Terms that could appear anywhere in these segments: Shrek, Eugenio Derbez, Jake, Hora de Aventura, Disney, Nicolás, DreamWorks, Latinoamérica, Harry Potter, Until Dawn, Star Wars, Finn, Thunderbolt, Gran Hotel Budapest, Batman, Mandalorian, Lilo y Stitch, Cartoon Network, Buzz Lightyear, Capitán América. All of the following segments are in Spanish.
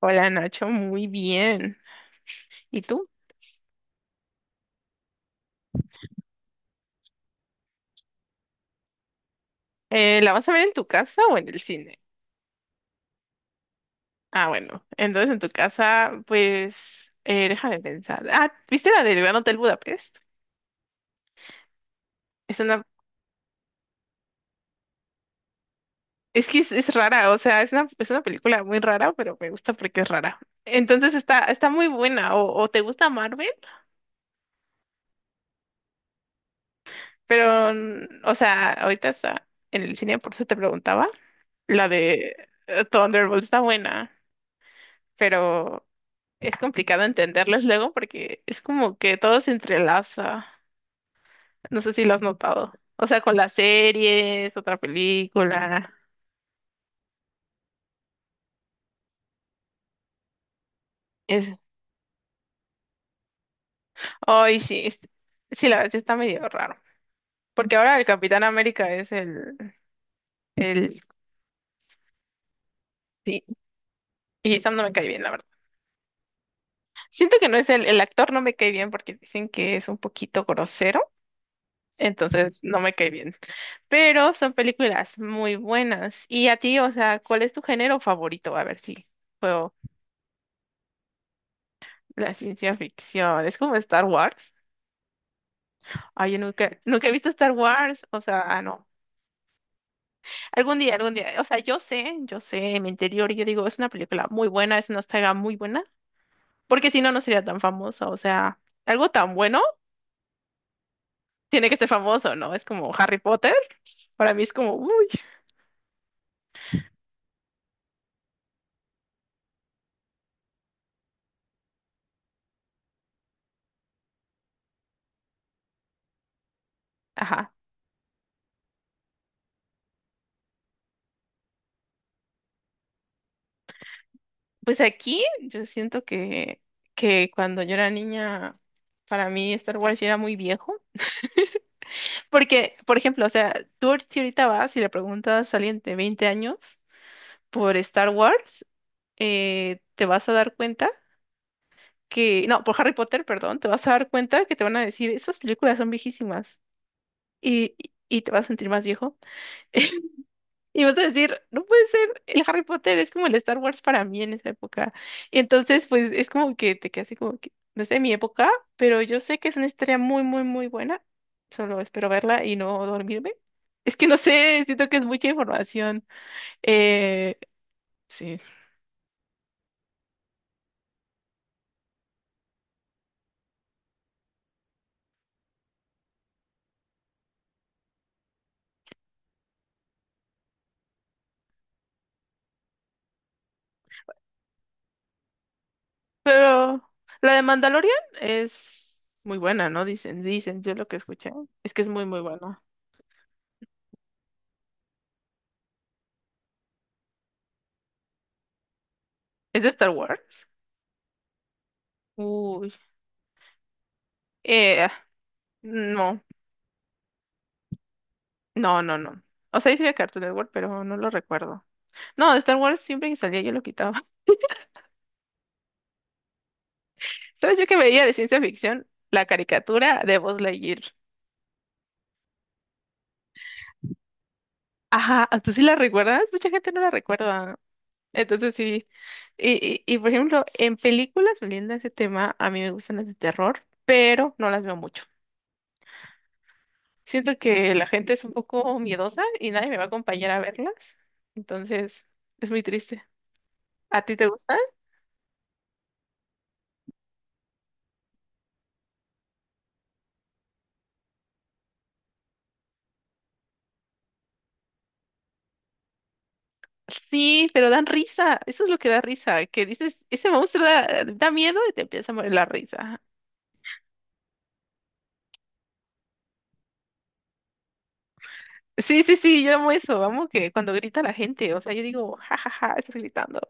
Hola Nacho, muy bien. ¿Y tú? ¿La vas a ver en tu casa o en el cine? Ah, bueno. Entonces en tu casa, pues, déjame pensar. Ah, ¿viste la del Gran Hotel Budapest? Es una, es rara, o sea, es una película muy rara, pero me gusta porque es rara. Entonces está muy buena. O te gusta Marvel, pero, o sea, ahorita está en el cine, por eso te preguntaba. La de Thunderbolt está buena, pero es complicado entenderles luego porque es como que todo se entrelaza. No sé si lo has notado. O sea, con las series, otra película. Es... Ay, sí, sí, la verdad sí está medio raro. Porque ahora el Capitán América es el... Sí, y Sam no me cae bien, la verdad. Siento que no es el actor no me cae bien porque dicen que es un poquito grosero. Entonces no me cae bien. Pero son películas muy buenas. Y a ti, o sea, ¿cuál es tu género favorito? A ver si puedo. La ciencia ficción, es como Star Wars. Ay, yo nunca he visto Star Wars, o sea, ah, no. Algún día, o sea, yo sé, en mi interior, yo digo, es una película muy buena, es una saga muy buena, porque si no, no sería tan famosa, o sea, algo tan bueno tiene que ser famoso, ¿no? Es como Harry Potter, para mí es como, uy, ajá. Pues aquí yo siento que cuando yo era niña, para mí Star Wars ya era muy viejo. Porque, por ejemplo, o sea, si ahorita vas y le preguntas a alguien de 20 años, por Star Wars, te vas a dar cuenta que, no, por Harry Potter, perdón, te vas a dar cuenta que te van a decir, esas películas son viejísimas y te vas a sentir más viejo. Y vas a decir, no puede ser, el Harry Potter es como el Star Wars para mí en esa época. Y entonces, pues es como que te quedas así como que, no es de mi época, pero yo sé que es una historia muy, muy, muy buena. Solo espero verla y no dormirme. Es que no sé, siento que es mucha información. Eh, sí, Pero la de Mandalorian es muy buena, ¿no? Dicen, yo lo que escuché es que es muy, muy buena. ¿Es de Star Wars? Uy, eh, no, no. O sea, sí veía Cartoon Network, pero no lo recuerdo. No, de Star Wars siempre que salía yo lo quitaba. ¿Sabes yo que veía de ciencia ficción? La caricatura de Buzz Lightyear. Ajá, ¿tú sí la recuerdas? Mucha gente no la recuerda. Entonces sí. Y, y por ejemplo, en películas, volviendo a ese tema, a mí me gustan las de terror, pero no las veo mucho. Siento que la gente es un poco miedosa y nadie me va a acompañar a verlas. Entonces, es muy triste. ¿A ti te gusta? Sí, pero dan risa. Eso es lo que da risa. Que dices, ese monstruo da miedo y te empieza a morir la risa. Sí, sí, sí, yo amo eso. Amo que cuando grita la gente, o sea, yo digo, ja, ja, ja, estás gritando.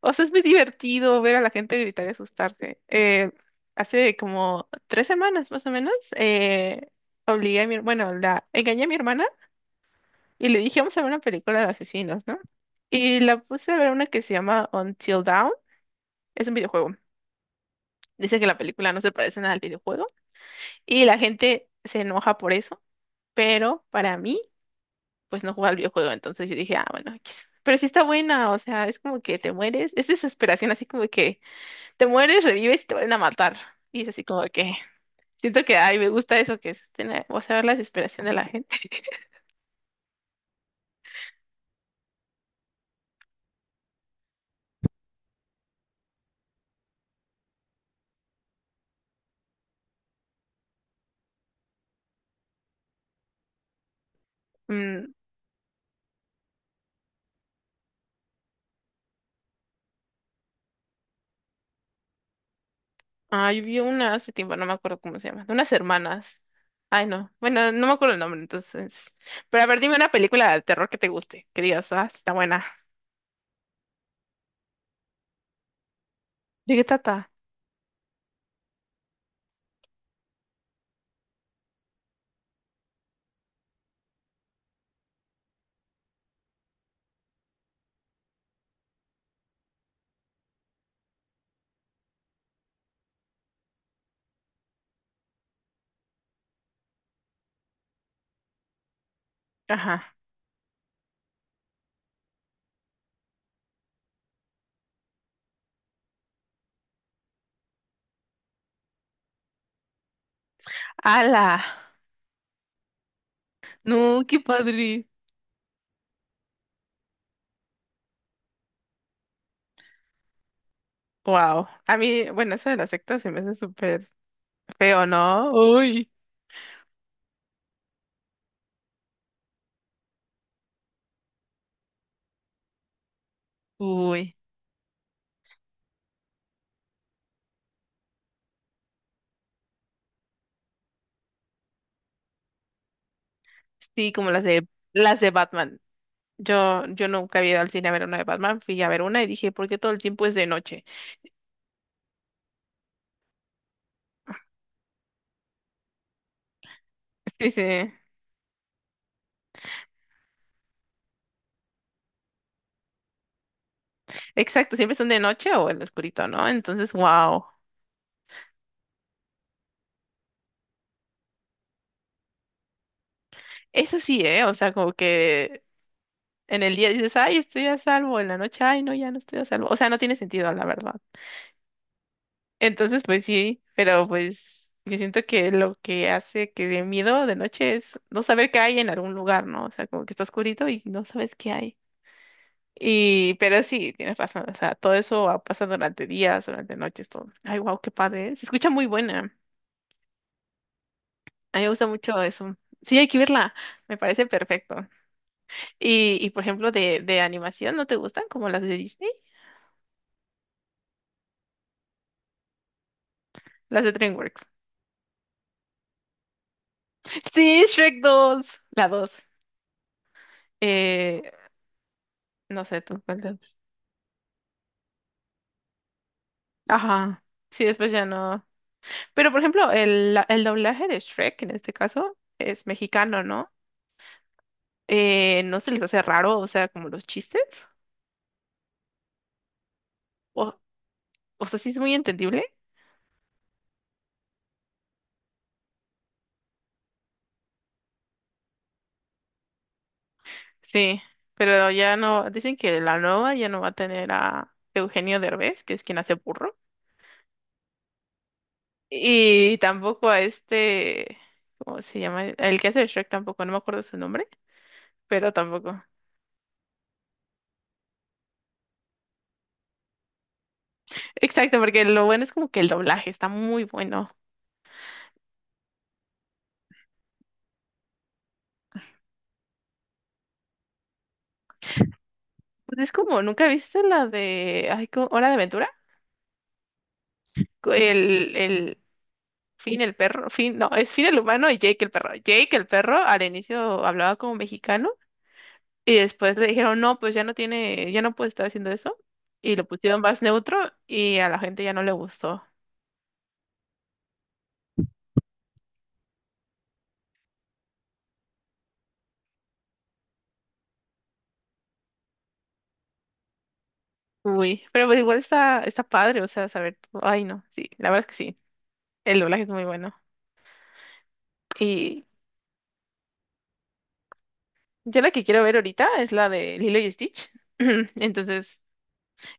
O sea, es muy divertido ver a la gente gritar y asustarse. Hace como tres semanas más o menos, obligué a mi, bueno, la engañé a mi hermana y le dije, vamos a ver una película de asesinos, ¿no? Y la puse a ver una que se llama Until Dawn. Es un videojuego. Dice que la película no se parece nada al videojuego. Y la gente se enoja por eso. Pero para mí, pues no juega al videojuego. Entonces yo dije, ah, bueno, X". Pero sí está buena. O sea, es como que te mueres. Es desesperación, así como que te mueres, revives y te vuelven a matar. Y es así como que siento que, ay, me gusta eso que es, o sea, ver la desesperación de la gente. Mm, Ah, yo vi una hace tiempo, no me acuerdo cómo se llama, de unas hermanas. Ay, no, bueno, no me acuerdo el nombre, entonces. Pero a ver, dime una película de terror que te guste, que digas, ah, está buena. ¿De qué trata? Ajá. ¡Hala! No, qué padre. Wow. A mí, bueno, eso de la secta se me hace súper feo, ¿no? Uy. Uy. Sí, como las de Batman. Yo nunca había ido al cine a ver una de Batman, fui a ver una y dije, ¿por qué todo el tiempo es de noche? Sí, sí. Exacto, siempre están de noche o en lo oscurito, ¿no? Entonces, wow. Eso sí, ¿eh? O sea, como que en el día dices, ay, estoy a salvo, en la noche, ay, no, ya no estoy a salvo. O sea, no tiene sentido, la verdad. Entonces, pues sí, pero pues yo siento que lo que hace que dé miedo de noche es no saber qué hay en algún lugar, ¿no? O sea, como que está oscurito y no sabes qué hay. Y, pero sí, tienes razón, o sea, pasa durante días, durante noches, todo. Ay, wow, qué padre. ¿Eh? Se escucha muy buena. A mí me gusta mucho eso. Sí, hay que verla. Me parece perfecto. Y por ejemplo, de animación, ¿no te gustan? Como las de Disney, las de DreamWorks. Sí, Shrek dos. La dos. Eh, no sé, tú cuéntame. Ajá. Sí, después ya no. Pero por ejemplo, el doblaje de Shrek en este caso es mexicano, ¿no? ¿No se les hace raro, o sea, como los chistes? O, o sea, sí es muy entendible. Sí, pero ya no, dicen que la nueva ya no va a tener a Eugenio Derbez, que es quien hace Burro, y tampoco a este, ¿cómo se llama? El que hace de Shrek tampoco, no me acuerdo su nombre, pero tampoco. Exacto, porque lo bueno es como que el doblaje está muy bueno. Pues es como, ¿nunca viste la de, ay, ¿cómo? Hora de Aventura? El Finn el perro, Finn, no, es Finn el humano y Jake el perro. Jake el perro al inicio hablaba como mexicano y después le dijeron, no, pues ya no tiene, ya no puede estar haciendo eso. Y lo pusieron más neutro y a la gente ya no le gustó. Uy, pero pues igual está padre, o sea, saber, todo. Ay no, sí, la verdad es que sí, el doblaje es muy bueno. Y yo la que quiero ver ahorita es la de Lilo y Stitch. Entonces,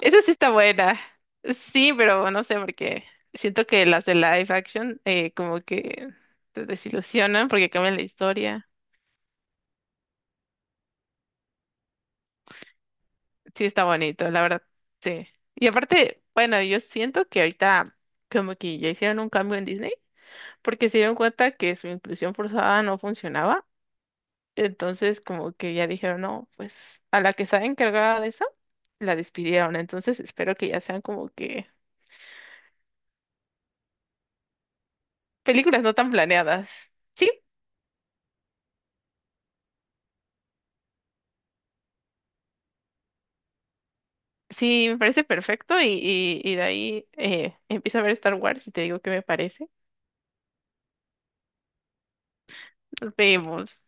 esa sí está buena. Sí, pero no sé, porque siento que las de live action como que te desilusionan porque cambian la historia. Sí, está bonito, la verdad. Sí. Y aparte, bueno, yo siento que ahorita como que ya hicieron un cambio en Disney porque se dieron cuenta que su inclusión forzada no funcionaba. Entonces, como que ya dijeron, no, pues a la que estaba encargada de eso, la despidieron. Entonces, espero que ya sean como que películas no tan planeadas. Sí, sí, me parece perfecto y de ahí empiezo a ver Star Wars y te digo qué me parece. Nos vemos.